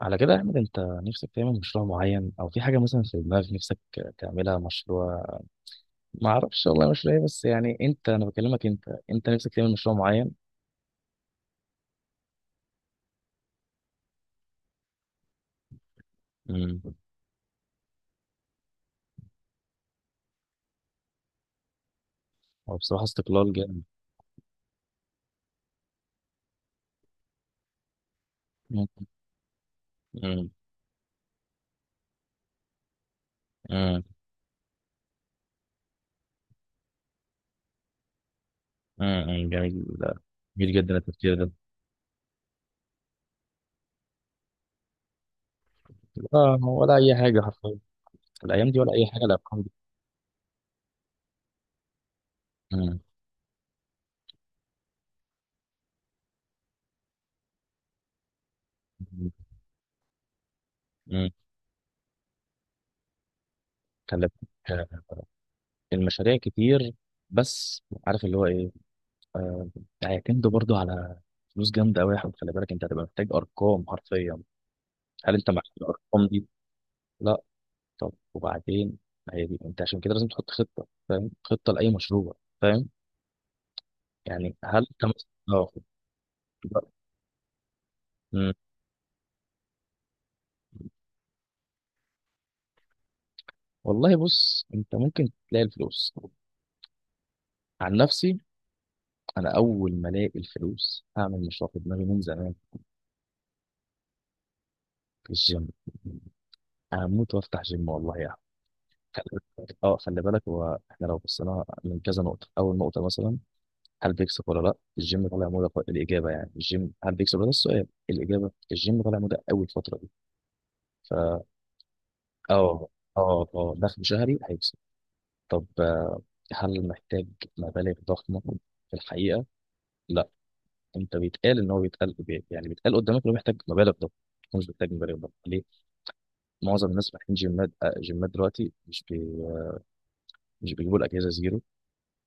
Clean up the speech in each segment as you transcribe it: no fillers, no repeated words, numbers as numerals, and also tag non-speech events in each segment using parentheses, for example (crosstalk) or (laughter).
على كده يا احمد انت نفسك تعمل مشروع معين او في حاجه مثلا في دماغك نفسك تعملها مشروع. ما اعرفش والله مشروع ايه بس يعني انت، انا بكلمك انت، انت نفسك تعمل مشروع معين. امم هو بصراحه استقلال جامد. امم امم أمم. جميل، جميل جدا التفكير ده. اه ولا اي حاجه حرفيا الايام دي، ولا اي حاجه الارقام دي. امم امم أمم. خلي بالك، آه، المشاريع كتير بس عارف اللي هو ايه، آه، هيعتمدوا برضو على فلوس جامدة أوي يا أحمد. خلي بالك، أنت هتبقى محتاج أرقام حرفيا. هل أنت معاك الأرقام دي؟ لا. طب وبعدين، ما هي دي، أنت عشان كده لازم تحط خطة، فاهم، خطة لأي مشروع، فاهم. يعني هل أنت مثلا، آه، لا. مم. والله بص، أنت ممكن تلاقي الفلوس. عن نفسي، أنا أول ما ألاقي الفلوس هعمل مشروع في دماغي من زمان في الجيم. هموت وافتح جيم والله يعني. خلي اه، خلي بالك، هو احنا لو بصينا من كذا نقطة، أول نقطة مثلا، هل بيكسب ولا لا الجيم؟ طالع موضه، الاجابه يعني الجيم هل بيكسب ولا لا، السؤال، الاجابه الجيم طالع موضه قوي الفتره دي. ف اه اه، دخل شهري هيكسب. طب آه، هل محتاج مبالغ ضخمه في الحقيقه؟ لا. انت بيتقال ان هو بيتقال بي- يعني بيتقال قدامك انه محتاج مبالغ ضخمه. هو مش محتاج مبالغ ضخمه، ليه؟ معظم الناس فاتحين جيمات، آه، جيمات دلوقتي مش بيجيبوا الاجهزه زيرو.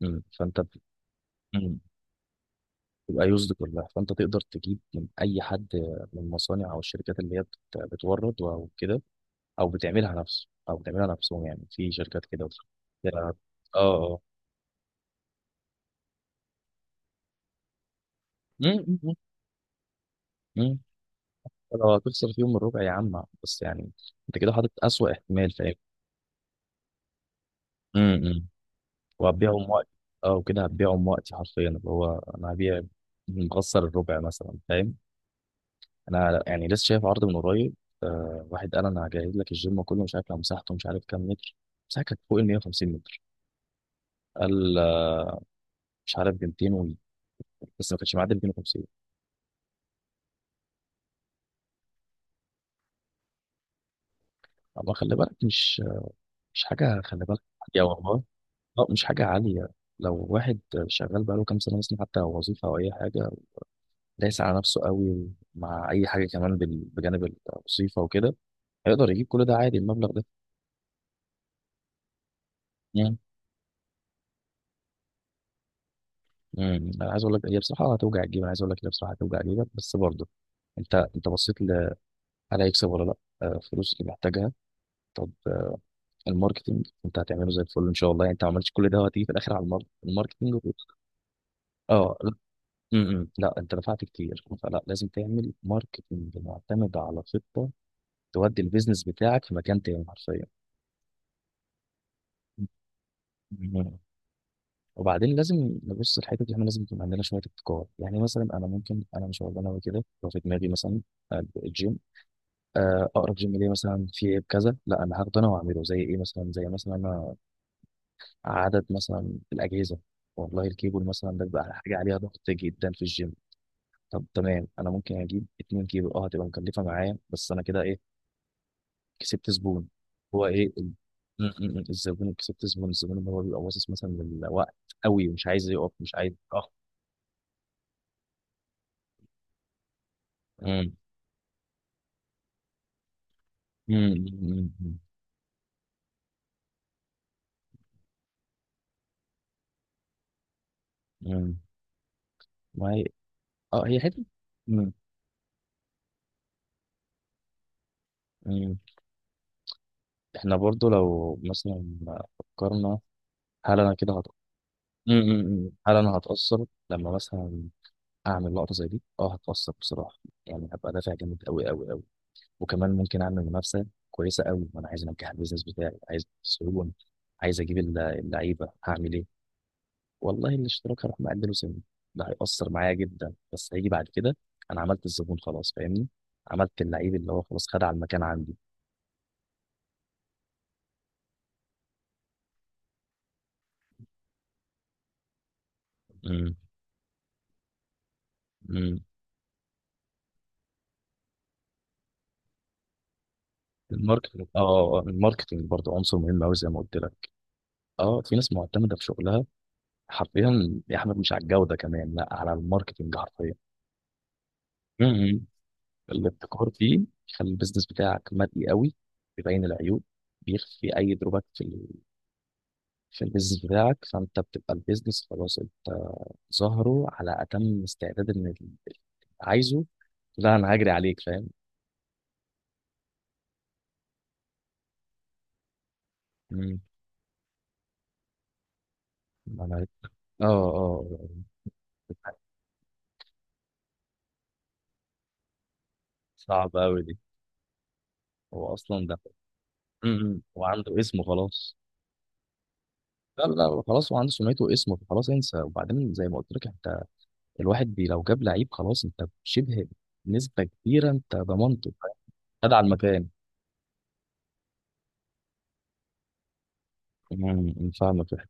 مم. مم. تبقى يوزد كلها، فانت تقدر تجيب من اي حد، من المصانع او الشركات اللي هي بتورد او كده، او بتعملها نفسه او بتعملها نفسهم يعني، في شركات كده وفي شركات- اه، مم، مم، مم. لو هتخسر فيهم الربع يا عم، بس يعني انت كده حاطط اسوأ احتمال، فاهم. امم وهتبيعهم وقت، اه، وكده هتبيعهم وقتي حرفيا، اللي هو انا هبيع مخسر الربع مثلا، فاهم. انا يعني لسه شايف عرض من قريب، آه، واحد قال انا هجهز لك الجيم كله، مش عارف لو مساحته مش عارف كام متر، مساحه كانت فوق ال 150 متر. قال آه، مش عارف ب 200 و... بس ما كانش معدي 250. اما خلي بالك، مش حاجه، خلي بالك يا والله، اه، مش حاجه عاليه. لو واحد شغال بقاله كام سنه مثلا، حتى لو وظيفه او اي حاجه دايس على نفسه قوي مع اي حاجه كمان بجانب الوظيفه وكده، هيقدر يجيب كل ده عادي المبلغ ده يعني. انا عايز اقول لك، هي بصراحه هتوجع الجيب، انا عايز اقول لك هي بصراحه هتوجع جيبك، بس برضه انت هل هيكسب ولا لا؟ آه، فلوس اللي محتاجها. طب آه، الماركتينج انت هتعمله زي الفل ان شاء الله يعني. انت ما عملتش كل ده وهتيجي في الاخر على الماركتينج اه لا. لا انت دفعت كتير، فلا لازم تعمل ماركتينج معتمد على خطه، تودي البيزنس بتاعك في مكان تاني حرفيا. مم. وبعدين لازم نبص الحته دي، احنا لازم يكون عندنا شويه ابتكار، يعني مثلا انا ممكن، انا مش هقول انا كده لو في دماغي مثلا الجيم، آه، اقرب جيم ليه مثلا في عيب كذا، لا انا هاخده انا واعمله زي ايه مثلا، زي مثلا انا عدد مثلا الاجهزه. والله الكيبل مثلا ده بيبقى حاجه عليها ضغط جدا في الجيم. طب تمام، انا ممكن اجيب اتنين كيبل، اه هتبقى مكلفه معايا، بس انا كده ايه؟ كسبت زبون. هو ايه ال- م- م- م، الزبون، كسبت زبون، الزبون اللي هو بيبقى باصص مثلا للوقت قوي ومش عايز يقف، مش عايز اه. م- م- م- م- م. ما هي اه، هي حته. م- م. احنا برضو لو مثلا فكرنا، هل انا كده هت... م- م- م. هل انا هتأثر لما مثلا اعمل لقطة زي دي؟ اه هتأثر بصراحة. يعني هبقى دافع جامد قوي قوي قوي، وكمان ممكن اعمل منافسة كويسة قوي، وانا عايز انجح البيزنس بتاعي، عايز السيولة، عايز اجيب اللعيبة، هعمل ايه؟ والله الاشتراك هروح مقلله سنة، ده هيأثر معايا جدا، بس هيجي بعد كده انا عملت الزبون خلاص، فاهمني، عملت اللعيب اللي هو خلاص خد على المكان عندي. م- م. الماركتنج، اه، آه، الماركتنج برضه عنصر مهم قوي زي ما قلت لك. اه في ناس معتمده في شغلها حرفيا يا احمد، مش على الجوده كمان، لا، على الماركتنج حرفيا. مهم. الابتكار فيه يخلي البيزنس بتاعك مرئي قوي، بيبين العيوب، بيخفي اي دروبات في البيزنس بتاعك، فانت بتبقى البيزنس خلاص، انت ظاهره على اتم استعداد ان عايزه، لا انا هجري عليك، فاهم. مم. انا اه، آه. صعب قوي دي، هو اصلا ده. مم. هو عنده اسمه خلاص. لا، خلاص هو عنده سمعته واسمه، فخلاص انسى. وبعدين زي ما قلت لك انت، الواحد لو جاب لعيب خلاص، انت شبه نسبة كبيرة انت ضمنته، خد على المكان. امم، فاهمك يا أحمد.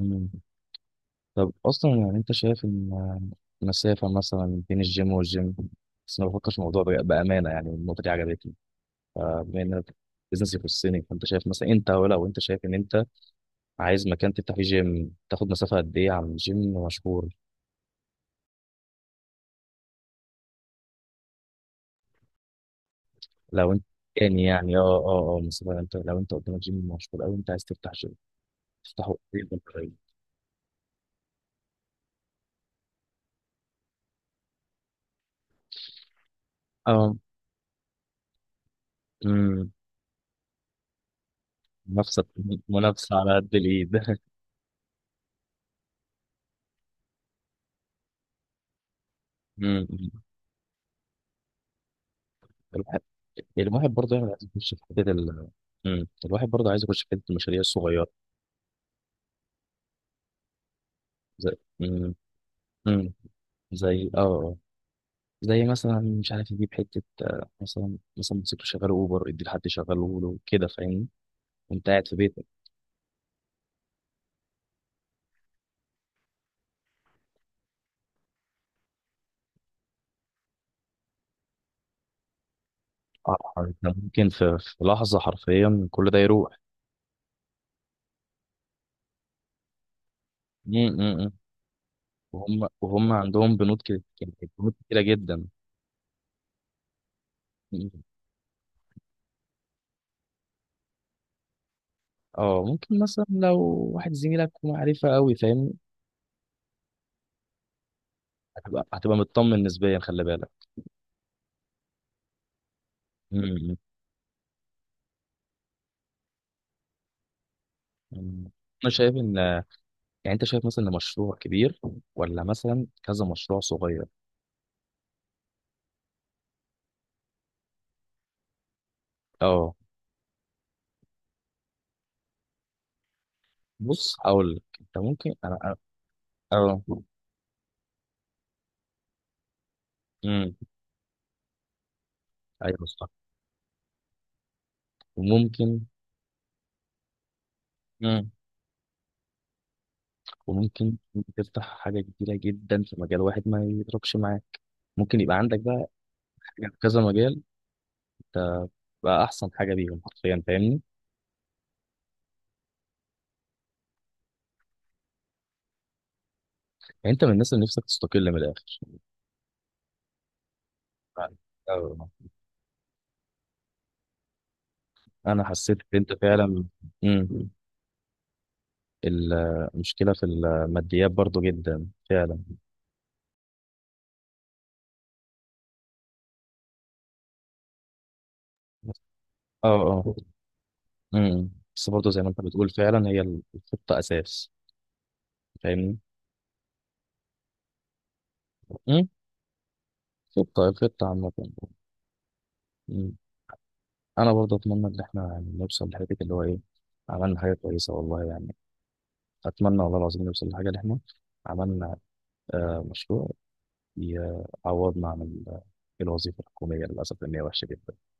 أمم. طب اصلا يعني انت شايف ان المسافة مثلا بين الجيم والجيم، بس ما بفكرش في الموضوع بأمانة، يعني النقطة دي عجبتني. فبما ان بزنس يخصني، فانت شايف مثلا، انت ولو انت شايف ان انت عايز مكان تفتح فيه جيم، تاخد مسافة قد ايه عن جيم مشهور؟ لو انت يعني، يعني، مثلا انت لو انت قدامك جيم مشهور قوي، انت عايز تفتح جيم، تفتحه قريب ولا بعيد؟ اه. امم. منافسة، منافسة على قد الإيد. (laughs) امم. الواحد الواحد برضه يعني عايز يخش في حتة امم، الواحد برضه عايز يخش في حتة المشاريع الصغيرة، زي، امم. امم، زي اه، آه. زي مثلا مش عارف يجيب حتة، آه، مثلا، مثلا موتوسيكل شغال أوبر، يدي لحد يشغله له كده، فاهمني، وأنت قاعد في بيتك. آه، أنت ممكن في، في لحظة حرفيا كل ده يروح. امم. امم. وهم عندهم بنود كده، بنود كتيرة جدا. اه ممكن مثلا لو واحد زميلك معرفة قوي، فاهمني، هتبقى مطمن نسبيا، خلي بالك. امم. أمم. انا شايف ان، يعني انت شايف مثلا إن مشروع كبير ولا مثلا كذا مشروع صغير؟ اه بص هقول لك، انت ممكن انا أنا- اه. امم. ايوه صح. وممكن، امم، وممكن تفتح حاجة كبيرة جدا في مجال واحد ما يضربش معاك، ممكن يبقى عندك بقى حاجة في كذا مجال، انت بقى احسن حاجة بيهم حرفيا، فاهمني. يعني انت من الناس اللي نفسك تستقل من الاخر. أه، انا حسيت ان انت فعلا. امم. المشكله في الماديات برضو جدا فعلا. اه، امم. بس برضو زي ما انت بتقول، فعلا هي الخطه اساس، فاهمني. امم. الخطه عامه. أمم. انا برضو اتمنى ان احنا يعني نوصل لحته اللي هو ايه، عملنا حاجه كويسه والله يعني. اتمنى والله العظيم نوصل لحاجه اللي احنا عملنا، آه، مشروع يعوضنا عن الوظيفه الحكوميه، للاسف ان هي وحشه جدا.